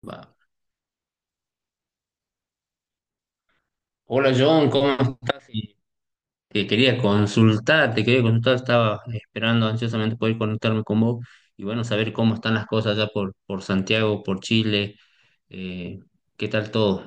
Va. Hola John, ¿cómo estás? Que quería consultar, te quería consultar, estaba esperando ansiosamente poder conectarme con vos y bueno, saber cómo están las cosas allá por Santiago, por Chile, eh, ¿qué tal todo?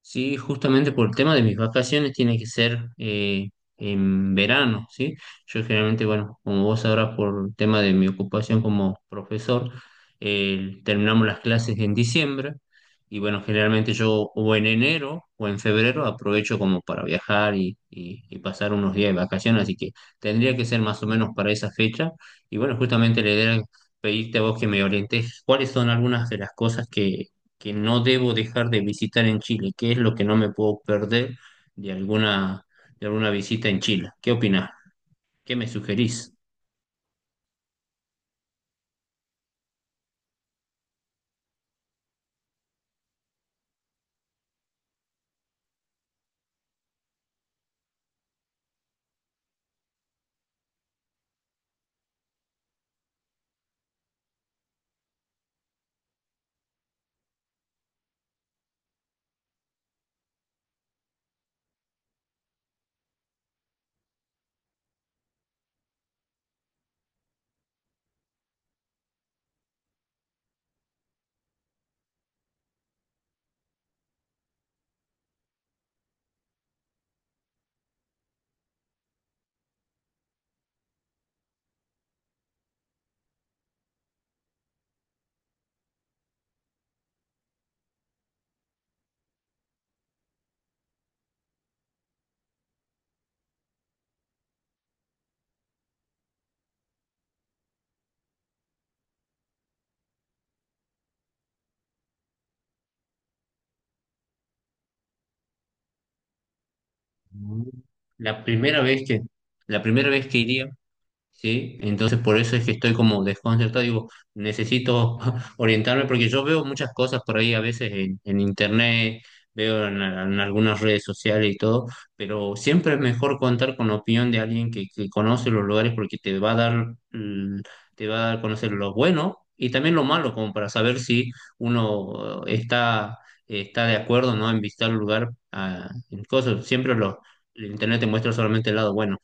Sí, justamente por el tema de mis vacaciones tiene que ser en verano, ¿sí? Yo generalmente, bueno, como vos sabrás por el tema de mi ocupación como profesor, terminamos las clases en diciembre y bueno, generalmente yo o en enero o en febrero aprovecho como para viajar y pasar unos días de vacaciones, así que tendría que ser más o menos para esa fecha y bueno, justamente la idea era pedirte a vos que me orientes cuáles son algunas de las cosas que no debo dejar de visitar en Chile. ¿Qué es lo que no me puedo perder de alguna, de alguna visita en Chile? ¿Qué opinás? ¿Qué me sugerís? Mm. La primera vez que, la primera vez que iría. Sí, entonces por eso es que estoy como desconcertado, digo, necesito orientarme porque yo veo muchas cosas por ahí a veces en internet, veo en algunas redes sociales y todo, pero siempre es mejor contar con la opinión de alguien que conoce los lugares porque te va a dar, mm, te va a dar a conocer lo bueno y también lo malo, como para saber si uno está de acuerdo, ¿no?, en visitar el lugar. Ah, en cosas, siempre lo, el internet te muestra solamente el lado bueno.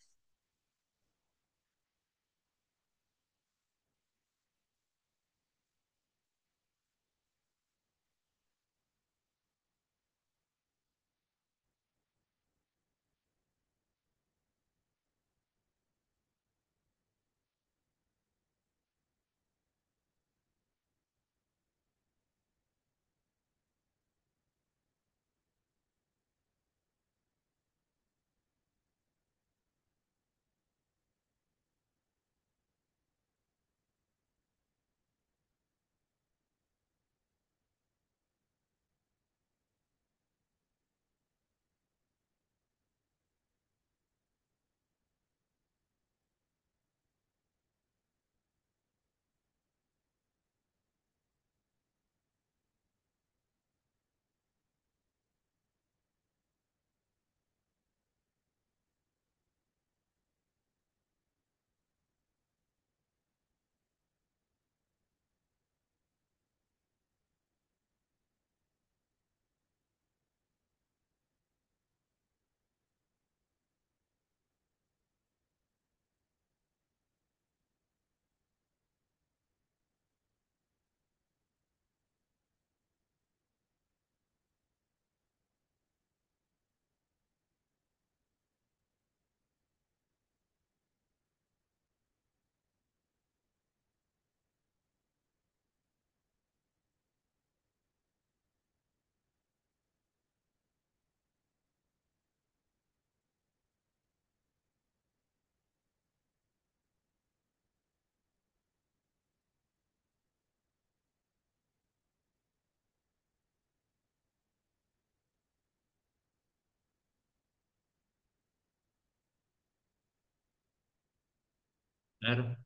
Claro.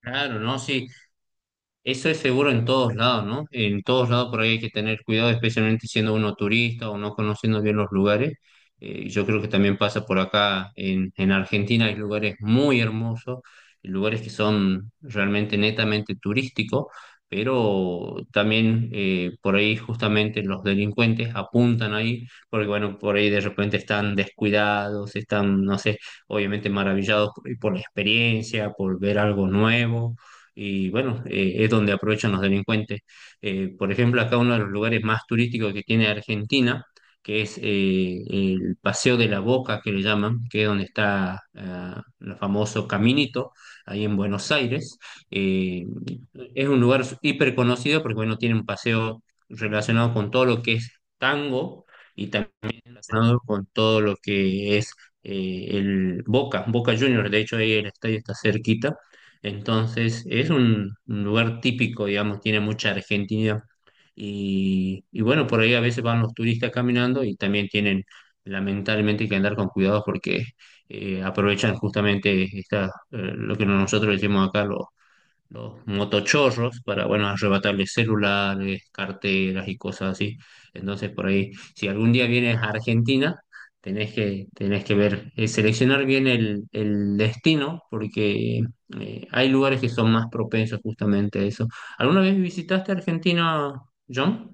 Claro, no, sí, eso es seguro en todos lados, ¿no? En todos lados por ahí hay que tener cuidado, especialmente siendo uno turista o no conociendo bien los lugares. Yo creo que también pasa por acá en Argentina. Hay lugares muy hermosos, lugares que son realmente netamente turísticos, pero también por ahí justamente los delincuentes apuntan ahí, porque bueno, por ahí de repente están descuidados, están, no sé, obviamente maravillados por la experiencia, por ver algo nuevo y bueno, es donde aprovechan los delincuentes. Por ejemplo, acá uno de los lugares más turísticos que tiene Argentina, que es el Paseo de la Boca, que le llaman, que es donde está, ah, el famoso Caminito, ahí en Buenos Aires. Eh, es un lugar hiper conocido porque, bueno, tiene un paseo relacionado con todo lo que es tango. Y también relacionado con todo lo que es el Boca, Boca Juniors. De hecho ahí el estadio está cerquita, entonces es un lugar típico, digamos, tiene mucha Argentina y bueno, por ahí a veces van los turistas caminando y también tienen lamentablemente que andar con cuidado porque aprovechan justamente esta, lo que nosotros decimos acá, los motochorros para, bueno, arrebatarles celulares, carteras y cosas así. Entonces, por ahí, si algún día vienes a Argentina, tenés que ver, seleccionar bien el destino, porque hay lugares que son más propensos justamente a eso. ¿Alguna vez visitaste Argentina, John?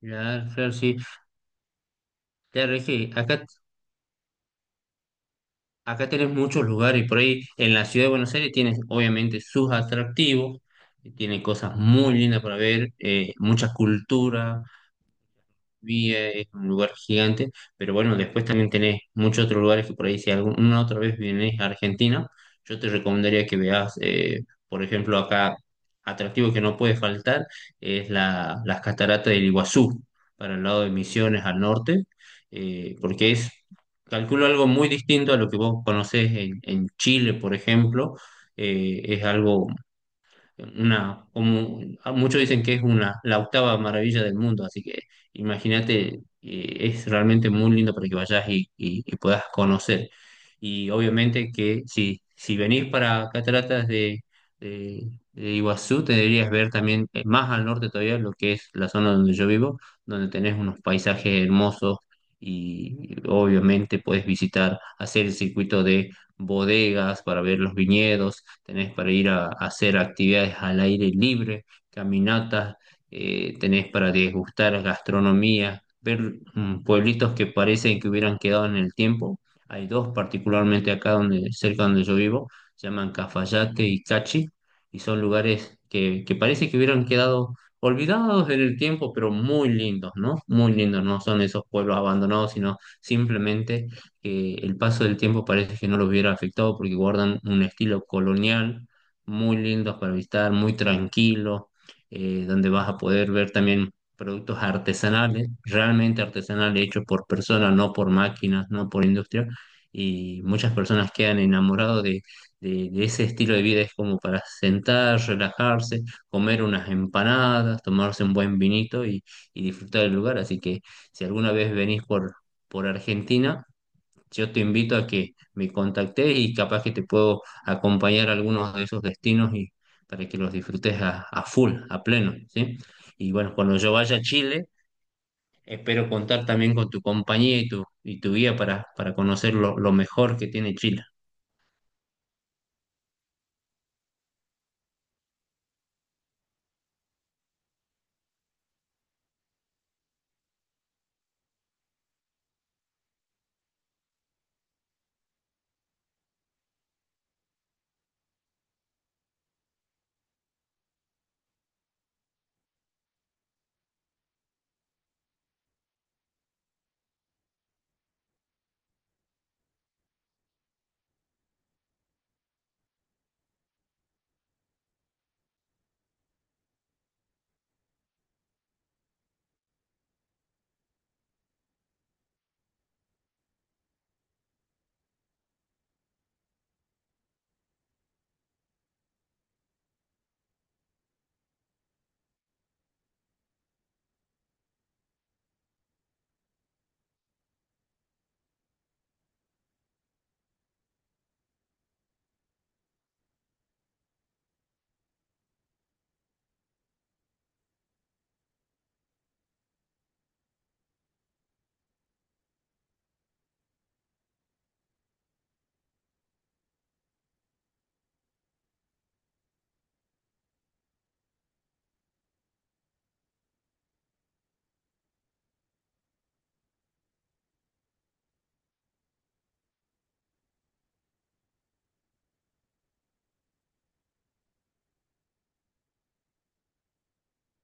Ya, Fer, sí. Ya, Regi, acá. Acá tenés muchos lugares por ahí. En la ciudad de Buenos Aires tienes obviamente sus atractivos, tiene cosas muy lindas para ver, mucha cultura, Villa es un lugar gigante, pero bueno, después también tenés muchos otros lugares que por ahí si alguna otra vez vienes a Argentina, yo te recomendaría que veas, por ejemplo, acá atractivo que no puede faltar es la, las cataratas del Iguazú, para el lado de Misiones al norte, porque es, calculo algo muy distinto a lo que vos conocés en Chile, por ejemplo. Es algo una, como ah, muchos dicen que es una, la octava maravilla del mundo, así que imagínate, es realmente muy lindo para que vayas y puedas conocer. Y obviamente que si venís para Cataratas de Iguazú, te deberías ver también, más al norte todavía lo que es la zona donde yo vivo, donde tenés unos paisajes hermosos y obviamente puedes visitar, hacer el circuito bodegas para ver los viñedos, tenés para ir a hacer actividades al aire libre, caminatas, tenés para degustar gastronomía, ver, pueblitos que parecen que hubieran quedado en el tiempo. Hay dos particularmente acá donde, cerca donde yo vivo, se llaman Cafayate y Cachi, y son lugares que parece que hubieran quedado olvidados en el tiempo, pero muy lindos, ¿no? Muy lindos, no son esos pueblos abandonados, sino simplemente que el paso del tiempo parece que no los hubiera afectado porque guardan un estilo colonial muy lindo para visitar, muy tranquilo, donde vas a poder ver también productos artesanales, realmente artesanales, hechos por personas, no por máquinas, no por industria, y muchas personas quedan enamorados de ese estilo de vida, es como para sentar, relajarse, comer unas empanadas, tomarse un buen vinito y disfrutar del lugar. Así que si alguna vez venís por Argentina, yo te invito a que me contactes y capaz que te puedo acompañar a algunos de esos destinos y para que los disfrutes a full, a pleno, ¿sí? Y bueno, cuando yo vaya a Chile, espero contar también con tu compañía y tu guía para conocer lo mejor que tiene Chile.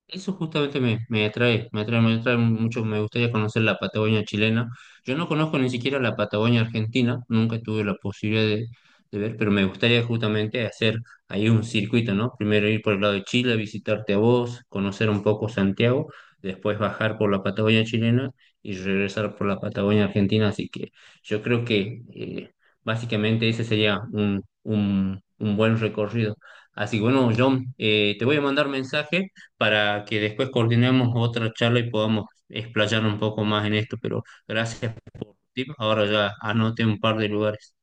Eso justamente me atrae mucho, me gustaría conocer la Patagonia chilena. Yo no conozco ni siquiera la Patagonia argentina, nunca tuve la posibilidad de ver, pero me gustaría justamente hacer ahí un circuito, ¿no? Primero ir por el lado de Chile, visitarte a vos, conocer un poco Santiago, después bajar por la Patagonia chilena y regresar por la Patagonia argentina. Así que yo creo que básicamente ese sería un buen recorrido. Así que bueno, John, te voy a mandar mensaje para que después coordinemos otra charla y podamos explayar un poco más en esto, pero gracias por tu tiempo. Ahora ya anoté un par de lugares.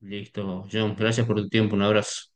Listo, John, gracias por tu tiempo, un abrazo.